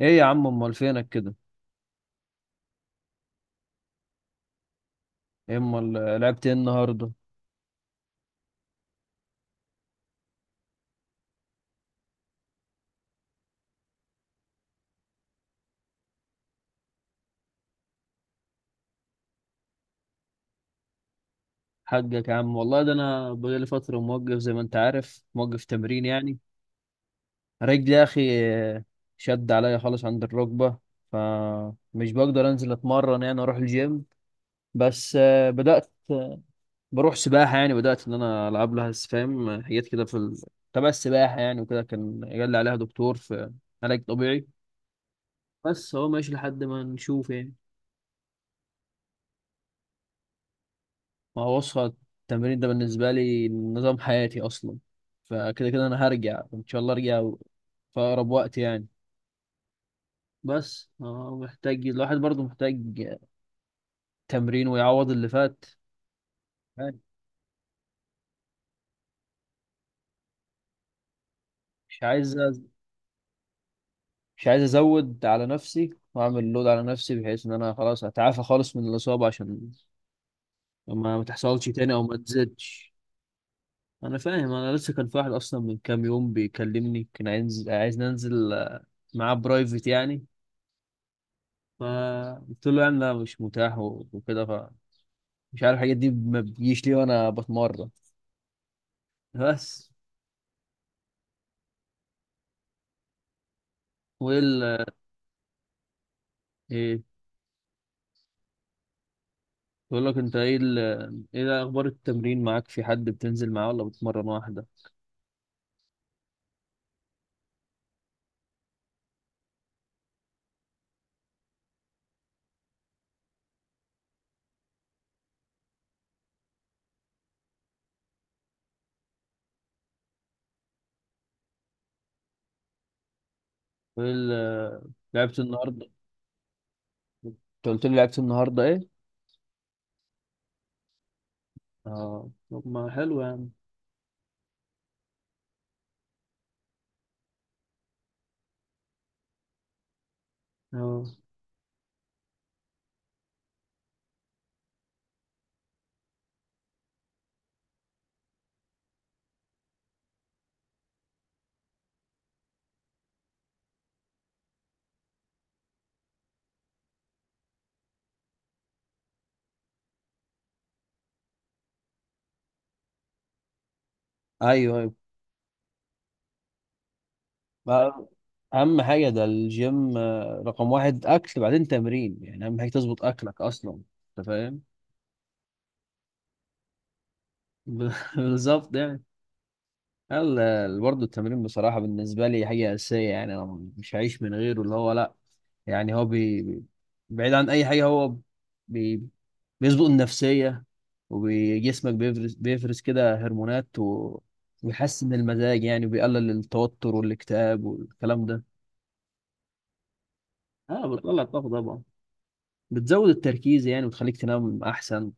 ايه يا عم امال فينك كده؟ إيه امال؟ لعبت ايه النهارده؟ حقك يا عم والله، ده انا بقالي فتره موقف، زي ما انت عارف، موقف تمرين يعني. رجلي يا اخي شد عليا خالص عند الركبه، فمش بقدر انزل اتمرن يعني اروح الجيم. بس بدات بروح سباحه، يعني بدات ان انا العب لها فاهم، حاجات كده في تبع السباحه يعني، وكده كان قال لي عليها دكتور في علاج طبيعي. بس هو ماشي لحد ما نشوف يعني. ما هو بص، التمرين ده بالنسبة لي نظام حياتي أصلا، فكده أنا هرجع، إن شاء الله أرجع في أقرب وقت يعني. بس محتاج، الواحد برضه محتاج تمرين ويعوض اللي فات. يعني مش عايز أز- مش عايز أزود على نفسي وأعمل لود على نفسي، بحيث إن أنا خلاص أتعافى خالص من الإصابة، عشان ما تحصلش تاني أو ما تزيدش. أنا فاهم، أنا لسه كان في واحد أصلا من كام يوم بيكلمني كان عايز ننزل معاه برايفت يعني، فقلت له يعني لا مش متاح وكده، فمش عارف الحاجات دي ما بتجيش ليه وانا بتمرن. بس وايه ال ايه؟ بقول لك انت، ايه ال... ايه ده اخبار التمرين معاك؟ في حد بتنزل معاه ولا بتمرن واحده؟ وايه ال لعبت النهارده؟ انت قلت لي لعبت النهارده ايه؟ اه طب ما حلو يعني. اه، ايوه ايوه. ما- اهم حاجه، ده الجيم رقم واحد اكل، بعدين تمرين. يعني اهم حاجه تظبط اكلك اصلا، انت فاهم. بالظبط يعني. يلا، برضه التمرين بصراحة بالنسبة لي حاجة أساسية، يعني أنا مش هعيش من غيره، اللي هو لأ. يعني هو بعيد عن أي حاجة، هو بي بيظبط النفسية، وجسمك بيفرز كده هرمونات و... ويحسن المزاج، يعني بيقلل التوتر والاكتئاب والكلام ده. اه، بتطلع الطاقة طبعا، بتزود التركيز يعني، وتخليك تنام أحسن.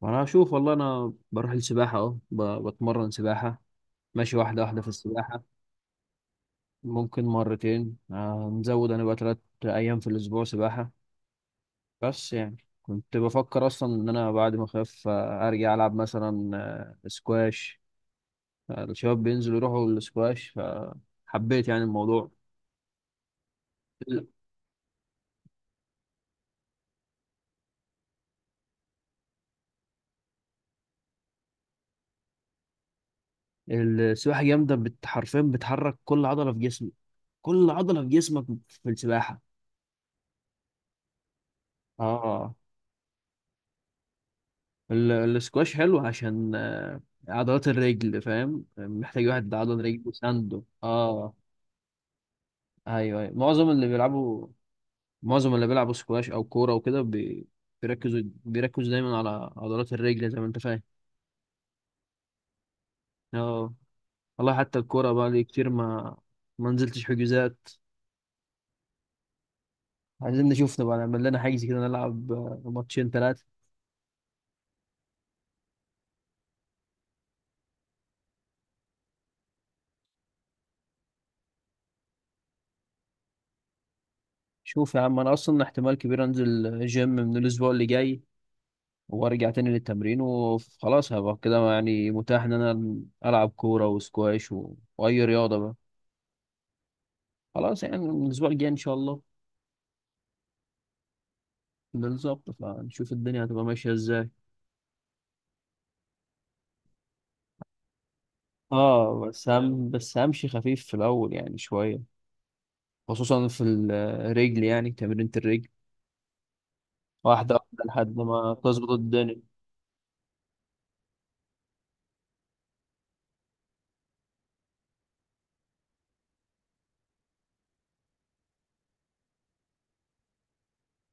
وأنا أشوف، والله أنا بروح السباحة أهو، ب... بتمرن سباحة، ماشي واحدة واحدة في السباحة. ممكن مرتين، نزود انا بقى تلات ايام في الاسبوع سباحة. بس يعني كنت بفكر اصلا ان انا بعد ما اخف ارجع العب مثلا سكواش. الشباب بينزلوا يروحوا السكواش، فحبيت يعني الموضوع. ال- السباحة جامدة، حرفيا بتحرك كل عضلة في جسمك، كل عضلة في جسمك في السباحة. اه. ال- السكواش حلو عشان عضلات الرجل، فاهم، محتاج واحد عضلة رجل وسنده. اه، ايوه ايوه. معظم اللي بيلعبوا، معظم اللي بيلعبوا سكواش او كوره وكده بيركزوا دايما على عضلات الرجل، زي ما انت فاهم. اه. والله حتى الكوره بقى لي كتير ما نزلتش حجوزات. عايزين نشوف نبقى نعمل لنا حجز كده، نلعب ماتشين ثلاثه. شوف يا عم، انا اصلا احتمال كبير انزل جيم من الاسبوع اللي جاي، وارجع تاني للتمرين، وخلاص هبقى كده يعني متاح ان انا العب كوره وسكواش و... واي رياضه بقى. خلاص يعني من الاسبوع الجاي ان شاء الله. بالظبط، فنشوف الدنيا هتبقى ماشيه ازاي. اه، بس همشي خفيف في الاول يعني شويه، خصوصا في الرجل يعني تمرينة الرجل، واحده واحده لحد ما تظبط الدنيا.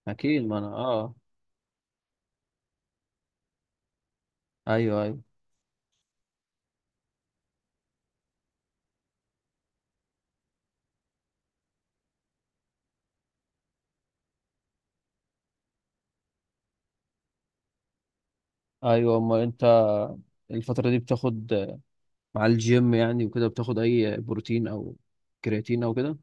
اكيد، ما انا اه، ايوه ايوه. ايوه، اما انت الفتره دي بتاخد مع الجيم يعني وكده، بتاخد اي بروتين او كرياتين او كده؟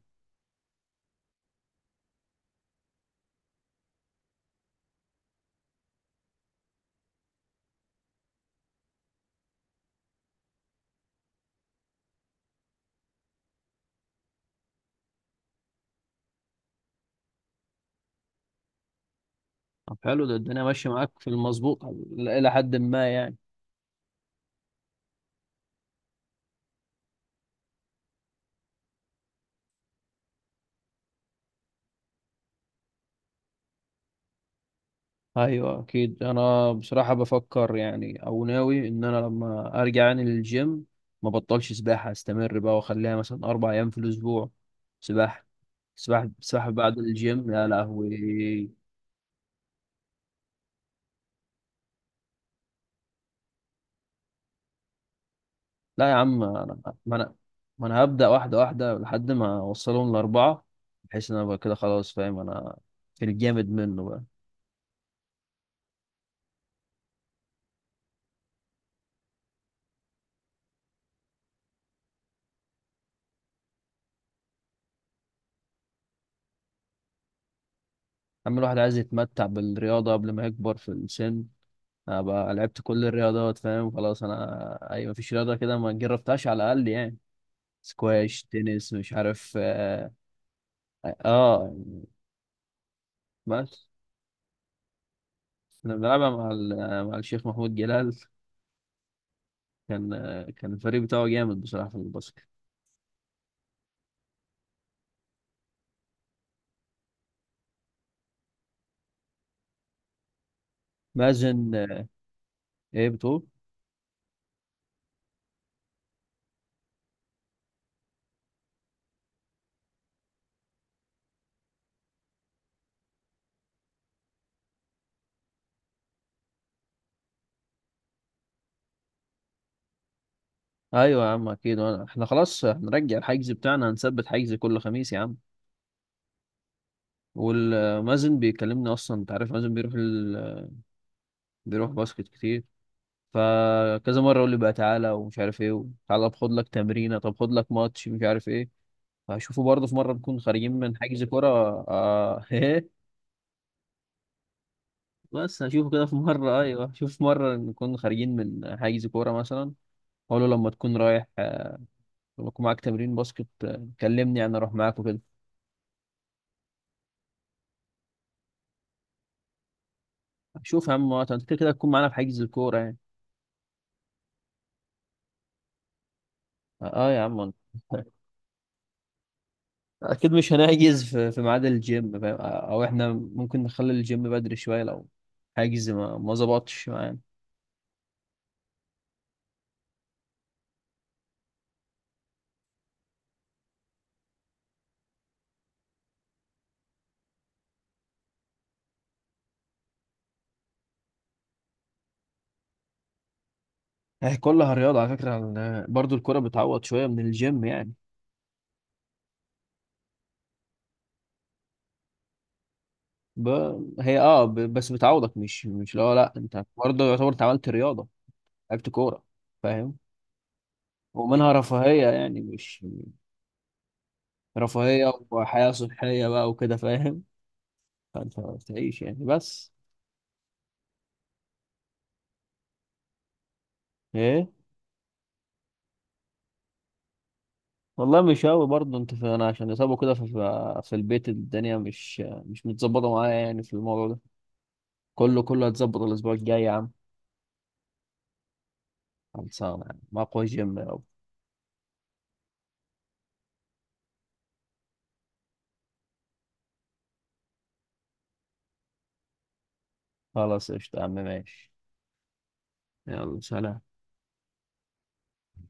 طب حلو، ده الدنيا ماشيه معاك في المظبوط، الى حد ما يعني. ايوه، اكيد. انا بصراحه بفكر يعني، او ناوي ان انا لما ارجع يعني للجيم ما بطلش سباحه، استمر بقى واخليها مثلا اربع ايام في الاسبوع سباحه. سباحه سباحه بعد الجيم، يا لهوي! لا يا عم انا، ما انا ما انا هبدا واحده واحده لحد ما اوصلهم لاربعه، بحيث ان انا بقى كده خلاص، فاهم انا، في الجامد منه بقى. اما الواحد عايز يتمتع بالرياضه قبل ما يكبر في السن، ابقى لعبت كل الرياضات، فاهم خلاص، انا اي مفيش رياضه كده ما جربتهاش على الاقل يعني. سكواش، تنس، مش عارف اه, آه. بس انا بلعبها مع مع الشيخ محمود جلال، كان، كان الفريق بتاعه جامد بصراحه في الباسكت. مازن ايه بتقول؟ ايوه يا عم اكيد، احنا خلاص هنرجع الحجز بتاعنا، هنثبت حجز كل خميس يا عم. والمازن بيكلمني اصلا، انت عارف، مازن بيروح ال... بيروح باسكت كتير، فكذا مره يقول لي بقى تعالى ومش عارف ايه، تعالى خد لك تمرينه، طب خد لك ماتش، مش عارف ايه. فهشوفه برضه في مره نكون خارجين من حجز كوره. آه ايه. بس هشوفه كده في مره، ايوه هشوف في مره نكون خارجين من حجز كوره مثلا، اقول له لما تكون رايح آه، لما يكون معاك تمرين باسكت كلمني انا اروح معاك وكده. شوف يا عم، وقت انت كده كده تكون معانا في حجز الكوره يعني. اه، آه يا عم، اكيد مش هنحجز في ميعاد الجيم، فاهم؟ او احنا ممكن نخلي الجيم بدري شويه لو حاجز ما ظبطش معانا. هي كلها رياضه على فكره، برضو الكره بتعوض شويه من الجيم يعني. ب... هي اه ب... بس بتعوضك، مش مش لا لا انت برضه يعتبر انت عملت رياضه، لعبت كوره، فاهم. ومنها رفاهيه، يعني مش رفاهيه، وحياه صحيه بقى وكده فاهم. فانت بتعيش يعني. بس ايه؟ والله مش قوي، برضه انت في انا عشان اصابه كده في البيت، الدنيا مش، مش متظبطه معايا يعني في الموضوع ده. كله هتظبط الاسبوع الجاي يا عم، خلصانه يا عم، اقوى جيم يا رب. خلاص قشطه يا عم، ماشي. يلا سلام.